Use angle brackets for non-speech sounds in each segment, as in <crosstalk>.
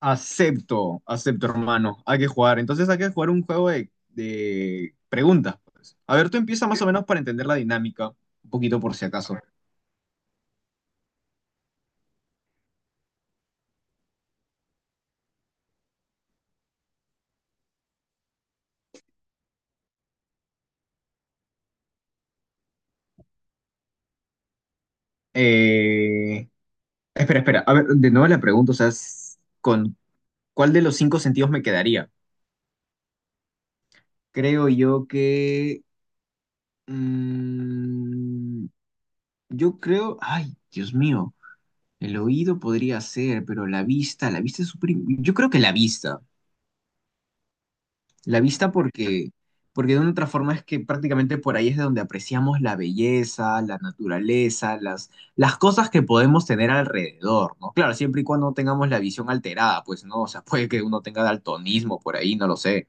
Acepto, acepto, hermano. Hay que jugar. Entonces hay que jugar un juego de preguntas. Pues, a ver, tú empieza más o menos para entender la dinámica, un poquito por si acaso. Eh, Espera, espera. A ver, de nuevo la pregunta, o sea, ¿con cuál de los cinco sentidos me quedaría? Creo yo que... mm, yo creo... Ay, Dios mío. El oído podría ser, pero la vista es súper... Yo creo que la vista. La vista porque, porque de una otra forma es que prácticamente por ahí es de donde apreciamos la belleza, la naturaleza, las cosas que podemos tener alrededor, ¿no? Claro, siempre y cuando no tengamos la visión alterada, pues no, o sea, <laughs> puede que uno tenga daltonismo por ahí, no lo sé,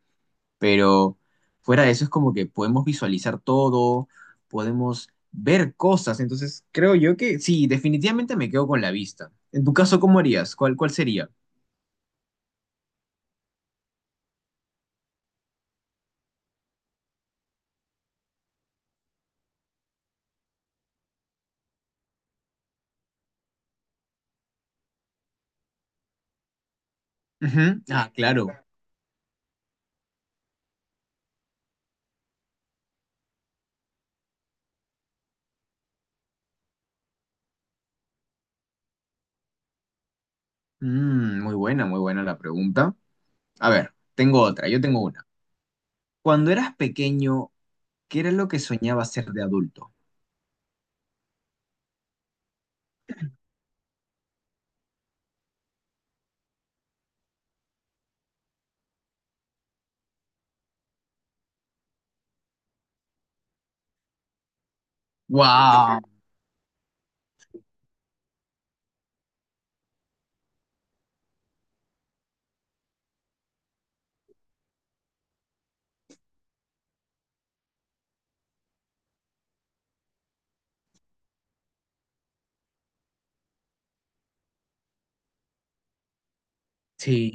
pero fuera de eso es como que podemos visualizar todo, podemos ver cosas, entonces creo yo que sí, definitivamente me quedo con la vista. En tu caso, ¿cómo harías? ¿Cuál, cuál sería? Ujú. Ah, claro. Mm, muy buena la pregunta. A ver, tengo otra, yo tengo una. Cuando eras pequeño, ¿qué era lo que soñabas ser de adulto? ¡Wow! Sí.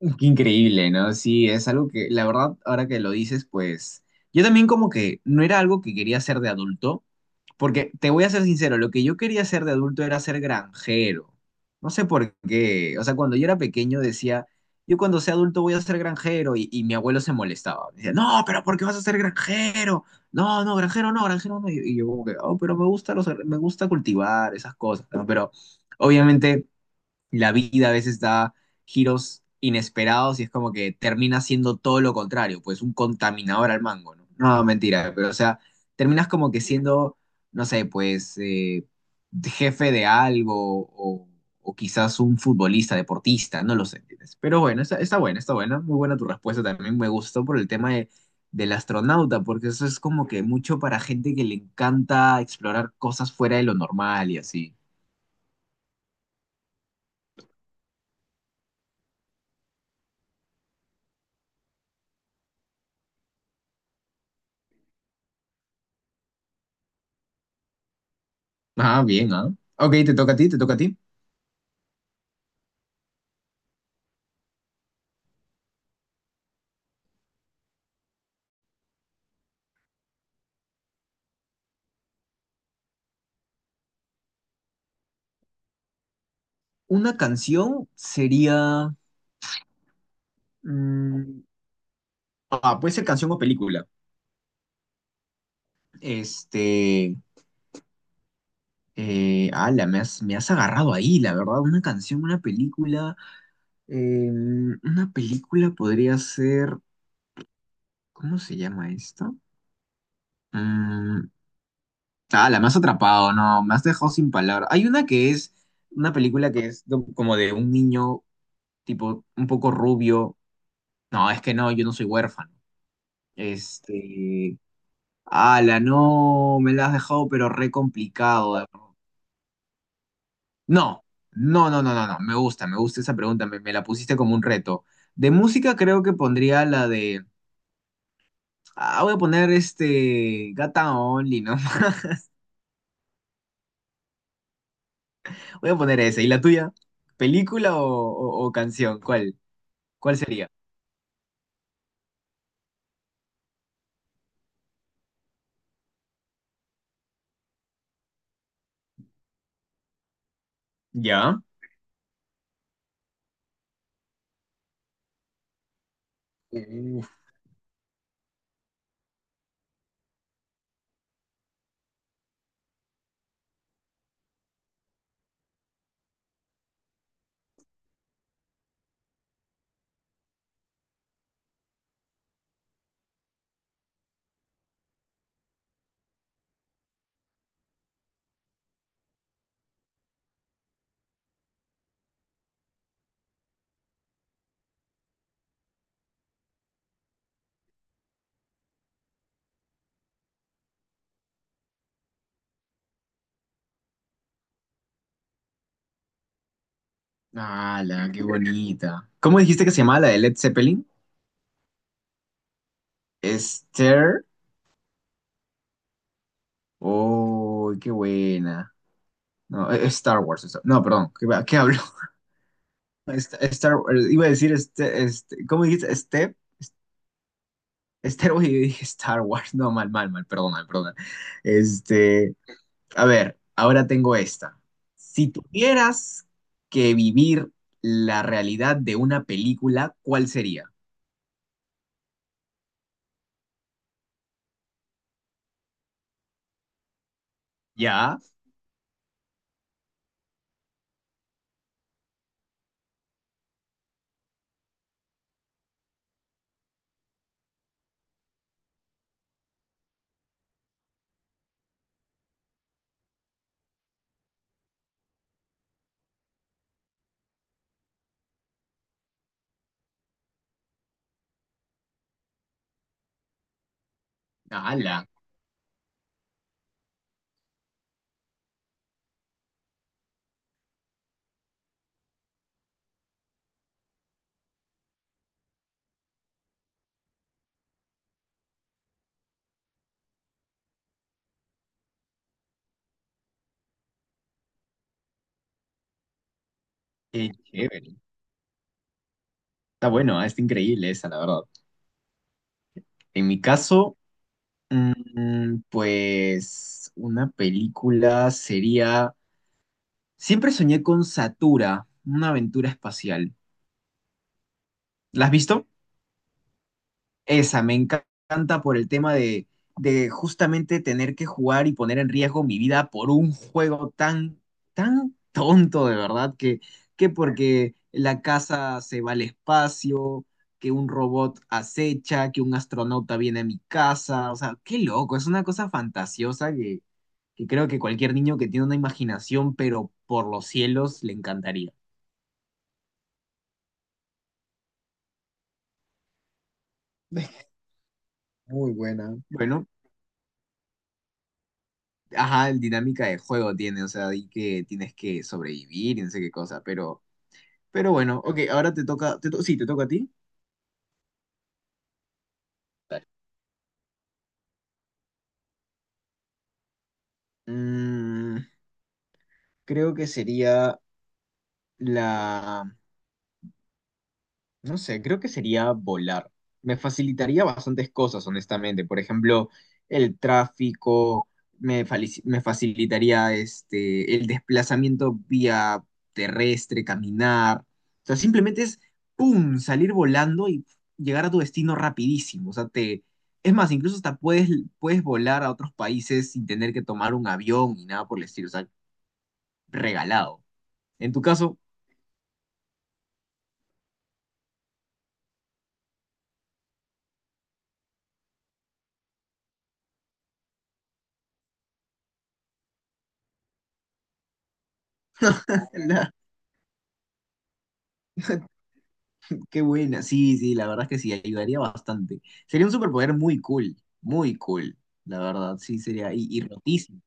Qué increíble, ¿no? Sí, es algo que, la verdad, ahora que lo dices, pues yo también como que no era algo que quería ser de adulto. Porque te voy a ser sincero, lo que yo quería ser de adulto era ser granjero. No sé por qué. O sea, cuando yo era pequeño decía, yo cuando sea adulto voy a ser granjero y, mi abuelo se molestaba. Me decía, no, pero ¿por qué vas a ser granjero? No, no, granjero no, granjero no. Y yo como que, oh, pero me gusta me gusta cultivar esas cosas, ¿no? Pero obviamente la vida a veces da giros inesperados y es como que termina siendo todo lo contrario, pues un contaminador al mango, ¿no? No, mentira, pero o sea, terminas como que siendo, no sé, pues jefe de algo o quizás un futbolista, deportista, no lo sé, ¿entiendes? Pero bueno, está, está buena, muy buena tu respuesta también, me gustó por el tema del astronauta, porque eso es como que mucho para gente que le encanta explorar cosas fuera de lo normal y así. Ah, bien, ¿ah? Ok, te toca a ti, te toca a ti. Una canción sería. Mm, ah, puede ser canción o película. Este. Ala, me has agarrado ahí, la verdad. Una canción, una película. eh, una película podría ser. ¿Cómo se llama esta? Mm, ala, me has atrapado, no, me has dejado sin palabras. Hay una que es. Una película que es como de un niño, tipo, un poco rubio. No, es que no, yo no soy huérfano. Este. Ala, no, me la has dejado, pero re complicado. No, no, no, no, no, no. Me gusta esa pregunta. Me la pusiste como un reto. De música creo que pondría la de. Ah, voy a poner este. Gata Only, ¿no? <laughs> Voy a poner esa. ¿Y la tuya? ¿Película o canción? ¿Cuál? ¿Cuál sería? ¿Ya? Uf, ala, qué bonita. ¿Cómo dijiste que se llamaba la de Led Zeppelin? Esther. Oh, qué buena. No, es Star Wars. Eso. No, perdón. ¿Qué, qué hablo? Star, iba a decir, este, ¿cómo dijiste? Step, Stairway, <laughs> yo dije Star Wars. No, mal, mal, mal, perdona, perdona. Este, a ver, ahora tengo esta. Si tuvieras que vivir la realidad de una película, ¿cuál sería? Ya, ala, qué chévere. Está bueno, ah, está increíble esa, la verdad. En mi caso, pues una película sería... Siempre soñé con Satura, una aventura espacial. ¿La has visto? Esa, me encanta por el tema de justamente tener que jugar y poner en riesgo mi vida por un juego tan, tan tonto, de verdad, que porque la casa se va al espacio, que un robot acecha, que un astronauta viene a mi casa, o sea, qué loco, es una cosa fantasiosa que creo que cualquier niño que tiene una imaginación, pero por los cielos, le encantaría. <laughs> Muy buena. Bueno, ajá, el dinámica de juego tiene, o sea, y que tienes que sobrevivir y no sé qué cosa, pero bueno, ok, ahora te toca, sí, te toca a ti. Dale. Mm, creo que sería la... No sé, creo que sería volar. Me facilitaría bastantes cosas, honestamente. Por ejemplo, el tráfico, me facilitaría este, el desplazamiento vía terrestre, caminar. O sea, simplemente es, ¡pum!, salir volando y llegar a tu destino rapidísimo. O sea, te... Es más, incluso hasta puedes, puedes volar a otros países sin tener que tomar un avión ni nada por el estilo. O sea, regalado. En tu caso, <laughs> qué buena, sí, sí, la verdad es que sí, ayudaría bastante. Sería un superpoder muy cool, muy cool, la verdad, sí, sería, y rotísimo.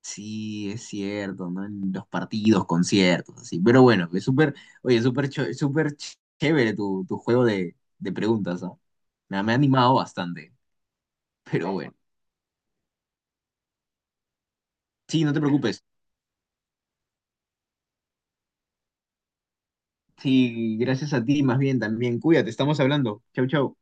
Sí, es cierto, ¿no? En los partidos, conciertos, así. Pero bueno, es súper, oye, chévere tu juego de preguntas, ¿no? Me ha animado bastante, pero bueno. Sí, no te preocupes. Sí, gracias a ti, más bien también. Cuídate, estamos hablando. Chau, chau.